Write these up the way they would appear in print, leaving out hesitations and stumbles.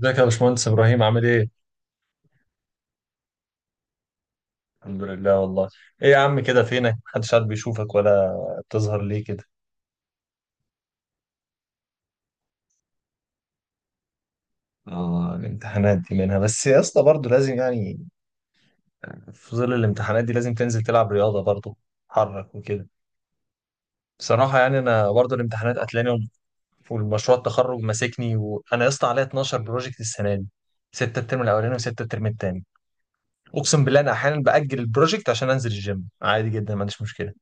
ازيك يا باشمهندس ابراهيم، عامل ايه؟ الحمد لله والله. ايه يا عم كده، فينك؟ محدش قاعد بيشوفك، ولا بتظهر ليه كده؟ اه الامتحانات دي، منها بس يا اسطى برضه لازم يعني، في ظل الامتحانات دي لازم تنزل تلعب رياضة برضه، تحرك وكده. بصراحة يعني انا برضه الامتحانات قتلاني، والمشروع التخرج ماسكني، وانا يا اسطى عليا 12 بروجكت السنة دي، ستة الترم الاولاني وستة الترم التاني. اقسم بالله انا احيانا باجل البروجكت عشان انزل الجيم، عادي جدا ما عنديش مشكلة.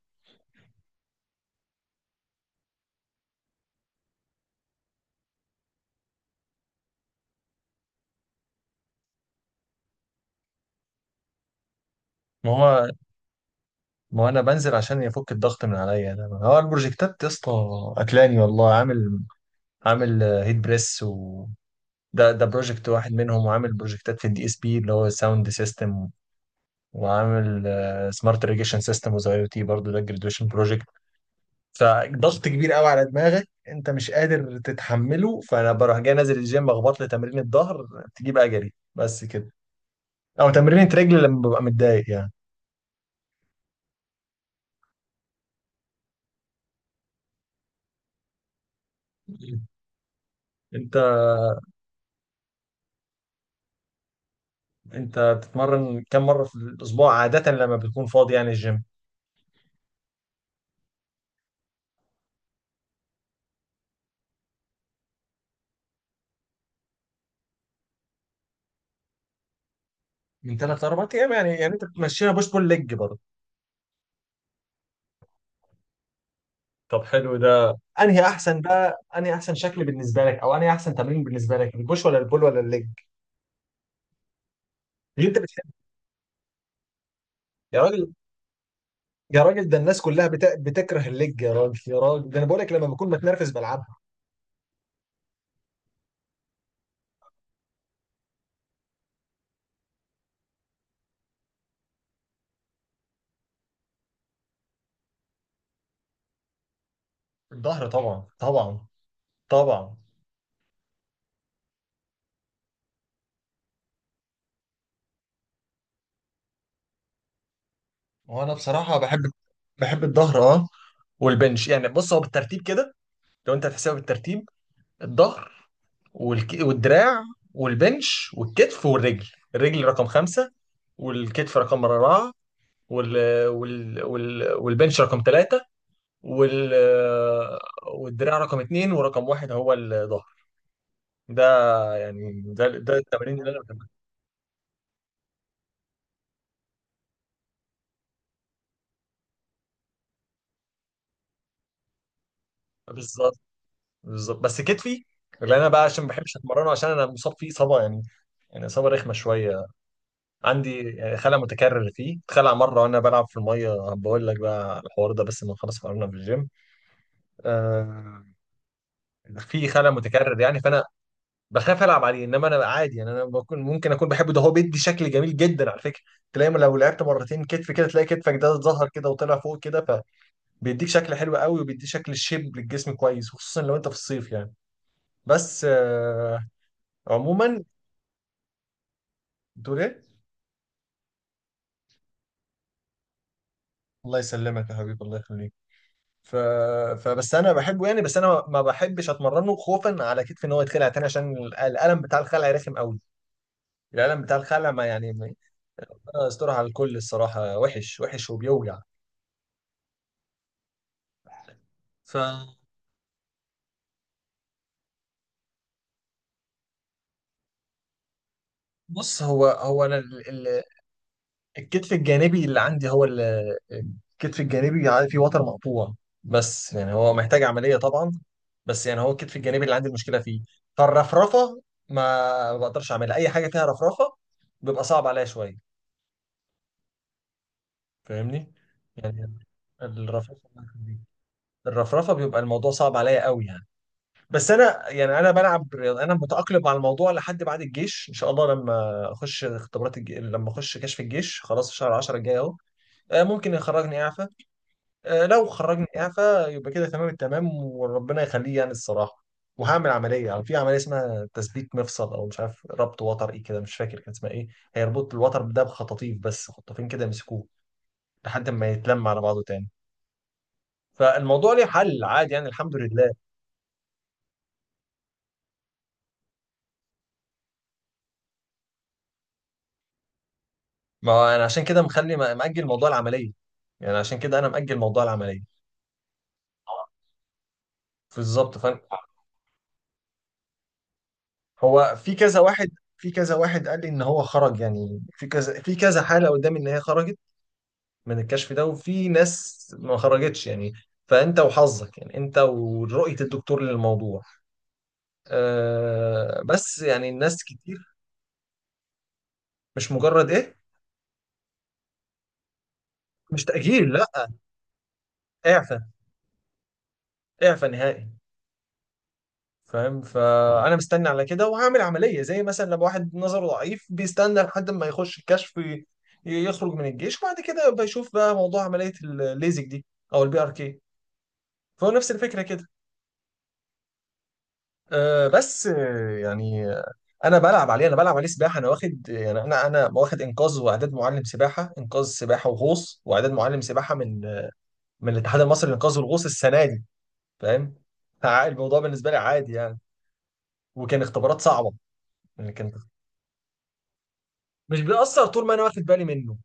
ما هو ما هو انا بنزل عشان يفك الضغط من عليا، ده هو البروجكتات يا اسطى اكلاني والله. عامل عامل آه، هيت بريس و ده بروجكت واحد منهم، وعامل بروجكتات في الدي اس بي اللي هو ساوند سيستم، وعامل سمارت ريجيشن سيستم، وزي او تي برضه ده جرادويشن بروجكت. فضغط كبير قوي على دماغك، انت مش قادر تتحمله، فانا بروح جاي نازل الجيم اخبط لي تمرين الظهر، تجيب اجري بس كده، او تمرين رجل لما ببقى متضايق يعني. انت انت بتتمرن كم مره في الاسبوع عاده لما بتكون فاضي يعني الجيم؟ من ثلاث اربع ايام، يعني انت بتمشيها بوش بول ليج برضه؟ طب حلو، ده انهي احسن بقى؟ انهي احسن شكل بالنسبه لك، او انهي احسن تمرين بالنسبه لك، البوش ولا البول ولا الليج اللي انت بتحبه؟ يا راجل، ده الناس كلها بتكره الليج يا راجل، ده انا بقول لك لما بكون متنرفز بلعبها. الظهر طبعا، طبعا. وانا بصراحه بحب الظهر اه، والبنش. يعني بص، هو بالترتيب كده لو انت هتحسبها بالترتيب: الظهر، والدراع، والبنش، والكتف، والرجل. الرجل رقم خمسة، والكتف رقم أربعة، وال... والبنش رقم ثلاثة، وال... والدراع رقم اتنين، ورقم واحد هو الظهر. ده يعني ده ده التمارين اللي انا بحبها. بالظبط، بس كتفي اللي انا بقى عشان ما بحبش اتمرنه، عشان انا مصاب فيه اصابه يعني، اصابه رخمه شويه. عندي يعني خلع متكرر فيه، اتخلع مره وانا بلعب في الميه، بقول لك بقى على الحوار ده، بس ما خلاص قررنا في الجيم. آه في خلل متكرر يعني، فانا بخاف العب عليه. انما انا عادي يعني، انا ممكن اكون بحبه، ده هو بيدي شكل جميل جدا على فكره. تلاقي لو لعبت مرتين كتف كده، تلاقي كتفك ده اتظهر كده وطلع فوق كده، فبيديك شكل حلو قوي، وبيديك شكل شيب للجسم كويس خصوصا لو انت في الصيف يعني. بس عموما، بتقول ايه؟ الله يسلمك يا حبيبي، الله يخليك. ف... فبس انا بحبه يعني، بس انا ما بحبش اتمرنه خوفا على كتفي ان هو يتخلع تاني، عشان الالم بتاع الخلع رخم قوي. الالم بتاع الخلع ما يعني أنا استراحة على الكل، الصراحة وحش وحش وبيوجع. ف بص هو هو انا الكتف الجانبي اللي عندي، هو الكتف الجانبي فيه وتر مقطوع. بس يعني هو محتاج عملية طبعا، بس يعني هو الكتف الجانبي اللي عندي المشكلة فيه. فالرفرفة، ما بقدرش اعملها، اي حاجة فيها رفرفة بيبقى صعب عليا شوية، فاهمني يعني. الرفرفة الرفرفة بيبقى الموضوع صعب عليا قوي يعني. بس انا يعني، انا بلعب رياضة، انا متاقلم مع الموضوع لحد بعد الجيش ان شاء الله. لما اخش لما اخش كشف الجيش خلاص، في شهر 10 الجاي اهو، ممكن يخرجني اعفى. لو خرجني اعفى يبقى كده تمام التمام، وربنا يخليه يعني الصراحه. وهعمل عمليه، يعني في عمليه اسمها تثبيت مفصل، او مش عارف ربط وتر ايه كده، مش فاكر كان اسمها ايه. هيربط الوتر ده بخطاطيف، بس خطافين كده يمسكوه لحد ما يتلم على بعضه تاني. فالموضوع ليه حل عادي يعني، الحمد لله. ما هو انا عشان كده مخلي مأجل موضوع العمليه، يعني عشان كده انا مأجل موضوع العمليه. بالظبط فاهم. هو في كذا واحد، قال لي ان هو خرج يعني، في كذا حاله قدامي ان هي خرجت من الكشف ده، وفي ناس ما خرجتش يعني. فانت وحظك يعني، انت ورؤيه الدكتور للموضوع. أه بس يعني الناس كتير. مش مجرد ايه، مش تأجيل لا، اعفى، اعفى نهائي فاهم. فانا مستني على كده وهعمل عمليه، زي مثلا لما واحد نظره ضعيف بيستنى لحد ما يخش الكشف، يخرج من الجيش، وبعد كده بيشوف بقى موضوع عمليه الليزك دي او البي ار كي. فهو نفس الفكره كده. أه بس انا بلعب عليه، سباحه. انا واخد يعني، انا واخد انقاذ واعداد معلم سباحه، انقاذ سباحه وغوص، واعداد معلم سباحه من من الاتحاد المصري للانقاذ والغوص السنه دي، فاهم. الموضوع بالنسبه لي عادي يعني، وكان اختبارات صعبه يعني مش بيأثر طول ما انا واخد بالي منه.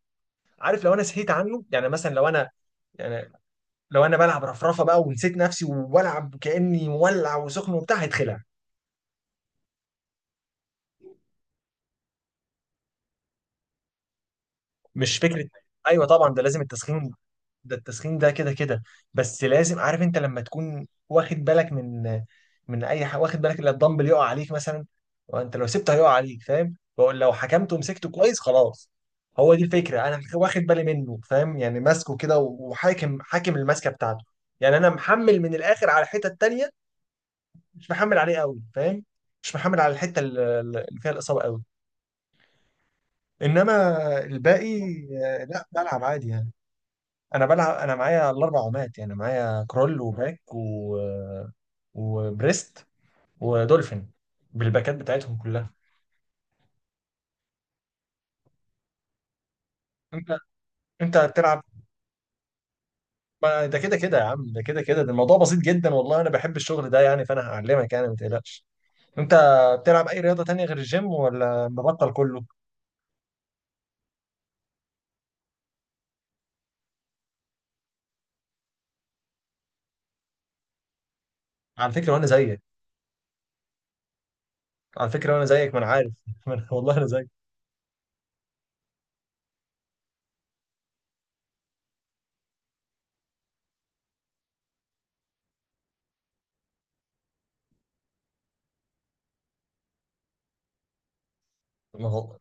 عارف، لو انا سهيت عنه يعني، مثلا لو انا يعني، لو انا بلعب رفرفه بقى ونسيت نفسي، وبلعب كأني مولع وسخن وبتاع، هيتخلع مش فكره. ايوه طبعا ده لازم التسخين، ده التسخين ده كده كده. بس لازم، عارف انت لما تكون واخد بالك من، من اي حاجه، واخد بالك ان الدمبل يقع عليك مثلا، وانت لو سبته هيقع عليك، فاهم؟ بقول لو حكمته ومسكته كويس خلاص، هو دي الفكره. انا واخد بالي منه، فاهم يعني، ماسكه كده، وحاكم الماسكه بتاعته. يعني انا محمل من الاخر على الحته التانيه، مش محمل عليه قوي، فاهم؟ مش محمل على الحته اللي فيها الاصابه قوي، انما الباقي لا بلعب عادي يعني. انا بلعب، انا معايا الاربع عمات، يعني معايا كرول وباك و... وبريست ودولفين، بالباكات بتاعتهم كلها. انت انت هتلعب، ما ده كده كده يا عم، ده كده كده، ده الموضوع بسيط جدا والله، انا بحب الشغل ده يعني، فانا هعلمك يعني ما تقلقش. انت بتلعب اي رياضة تانية غير الجيم ولا مبطل كله؟ على فكرة، وانا زيك. ما انا عارف ما أنا- والله انا زيك. ما هو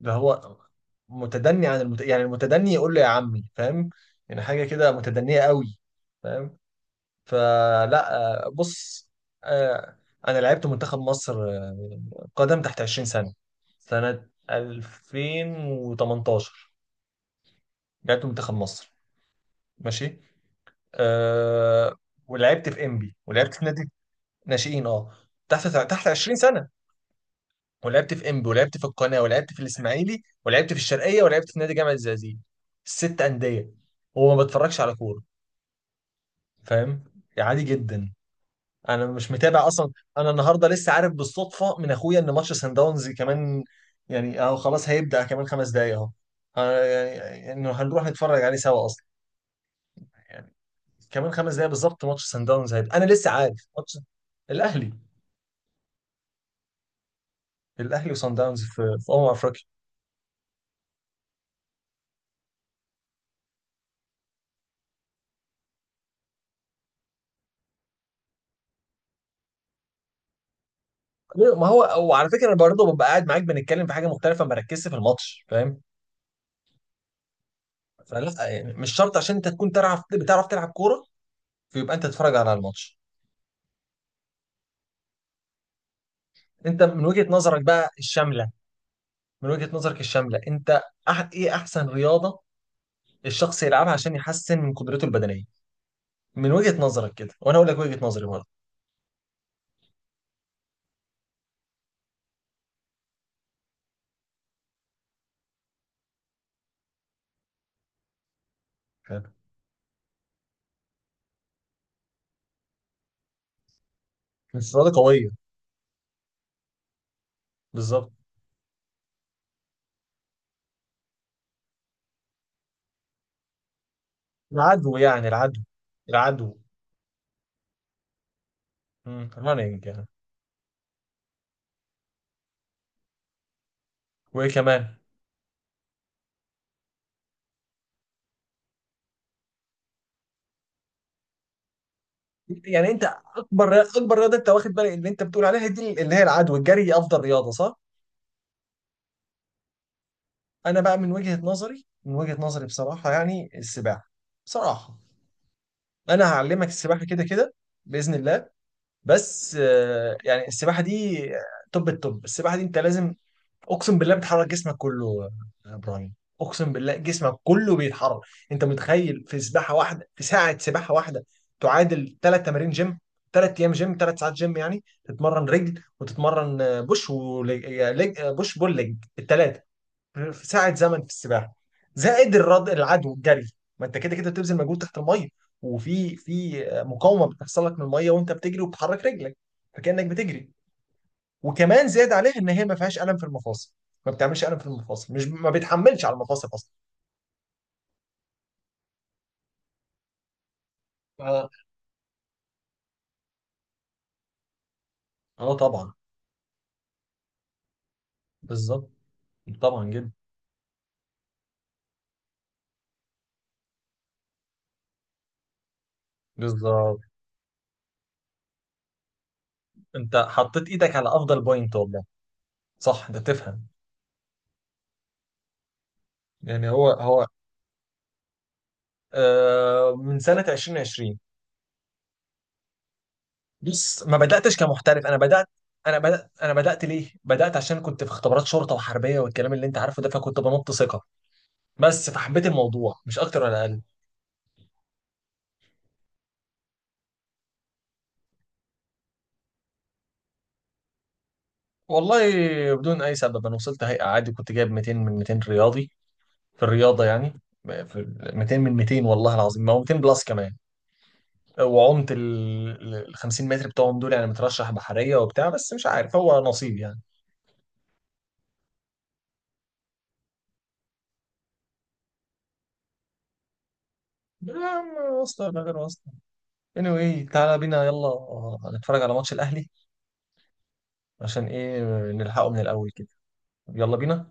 ده هو متدني عن يعني المتدني يقول له يا عمي، فاهم؟ يعني حاجة كده متدنية قوي، فاهم؟ فلا، بص، آه، انا لعبت منتخب مصر، قدم، تحت 20 سنة، سنة 2018 لعبت منتخب مصر، ماشي. أه ولعبت في انبي، ولعبت في نادي ناشئين اه، تحت 20 سنة. ولعبت في انبي، ولعبت في القناة، ولعبت في الاسماعيلي، ولعبت في الشرقية، ولعبت في نادي جامعة الزقازيق. ست أندية، وما بتفرجش على كورة، فاهم؟ يعني عادي جدا، انا مش متابع اصلا. انا النهارده لسه عارف بالصدفه من اخويا ان ماتش سان داونز كمان يعني اهو خلاص هيبدا كمان خمس دقايق اهو. أنا يعني انه هنروح نتفرج عليه سوا اصلا، يعني كمان خمس دقايق بالظبط ماتش سان داونز هيبدا، انا لسه عارف ماتش الاهلي. الاهلي وسان داونز في افريقيا. ليه؟ ما هو وعلى فكره انا برضه ببقى قاعد معاك بنتكلم في حاجه مختلفه، ما ركزش في الماتش، فاهم؟ فلا يعني مش شرط عشان انت تكون تعرف، بتعرف تلعب كوره فيبقى انت تتفرج على الماتش. انت من وجهه نظرك بقى الشامله، من وجهة نظرك الشاملة انت، أح ايه احسن رياضة الشخص يلعبها عشان يحسن من قدرته البدنية؟ من وجهة نظرك كده، وانا اقول لك وجهة نظري برضه. حلو. مش رياضة قوية، بالظبط. العدو يعني، العدو رانينج يعني، وايه كمان؟ يعني انت، اكبر رياضة انت واخد بالك اللي انت بتقول عليها دي، اللي هي العدو الجري، دي افضل رياضة صح؟ انا بقى من وجهة نظري، بصراحة يعني السباحة، بصراحة. انا هعلمك السباحة كده كده بإذن الله. بس السباحه دي توب التوب. السباحه دي انت لازم، اقسم بالله بتحرك جسمك كله يا ابراهيم، اقسم بالله جسمك كله بيتحرك. انت متخيل؟ في سباحه واحده، في ساعه سباحه واحده، تعادل ثلاث تمارين جيم، ثلاث ايام جيم، ثلاث ساعات جيم، يعني تتمرن رجل، وتتمرن آه، بوش ولج... آه، لج... آه، بوش بول ليج الثلاثه في ساعة زمن في السباحة، زائد الرد، العدو والجري، ما انت كده كده بتبذل مجهود تحت المية، وفي مقاومة بتحصل لك من المية وانت بتجري وبتحرك رجلك، فكأنك بتجري. وكمان زاد عليها ان هي ما فيهاش ألم في المفاصل، ما بتعملش ألم في المفاصل، مش ما بتحملش على المفاصل أصلا. اه، آه طبعا، بالظبط، طبعا جدا، بالظبط. انت حطيت ايدك على افضل بوينت والله، صح انت تفهم. يعني هو هو من سنة 2020، بص ما بداتش كمحترف. انا بدات، ليه بدات؟ عشان كنت في اختبارات شرطه وحربيه والكلام اللي انت عارفه ده، فكنت بنط ثقه بس، فحبيت الموضوع مش اكتر ولا اقل. والله بدون اي سبب، انا وصلت هيئه عادي، كنت جايب 200 من 200 رياضي، في الرياضه يعني، في 200 من 200 والله العظيم، ما هو 200 بلس كمان، وعمت ال 50 متر بتوعهم دول يعني، مترشح بحريه وبتاع، بس مش عارف هو نصيب يعني. يا عم، واسطه ولا غير واسطه، anyway تعالى بينا، يلا نتفرج على ماتش الاهلي، عشان ايه نلحقه من الاول كده. يلا بينا.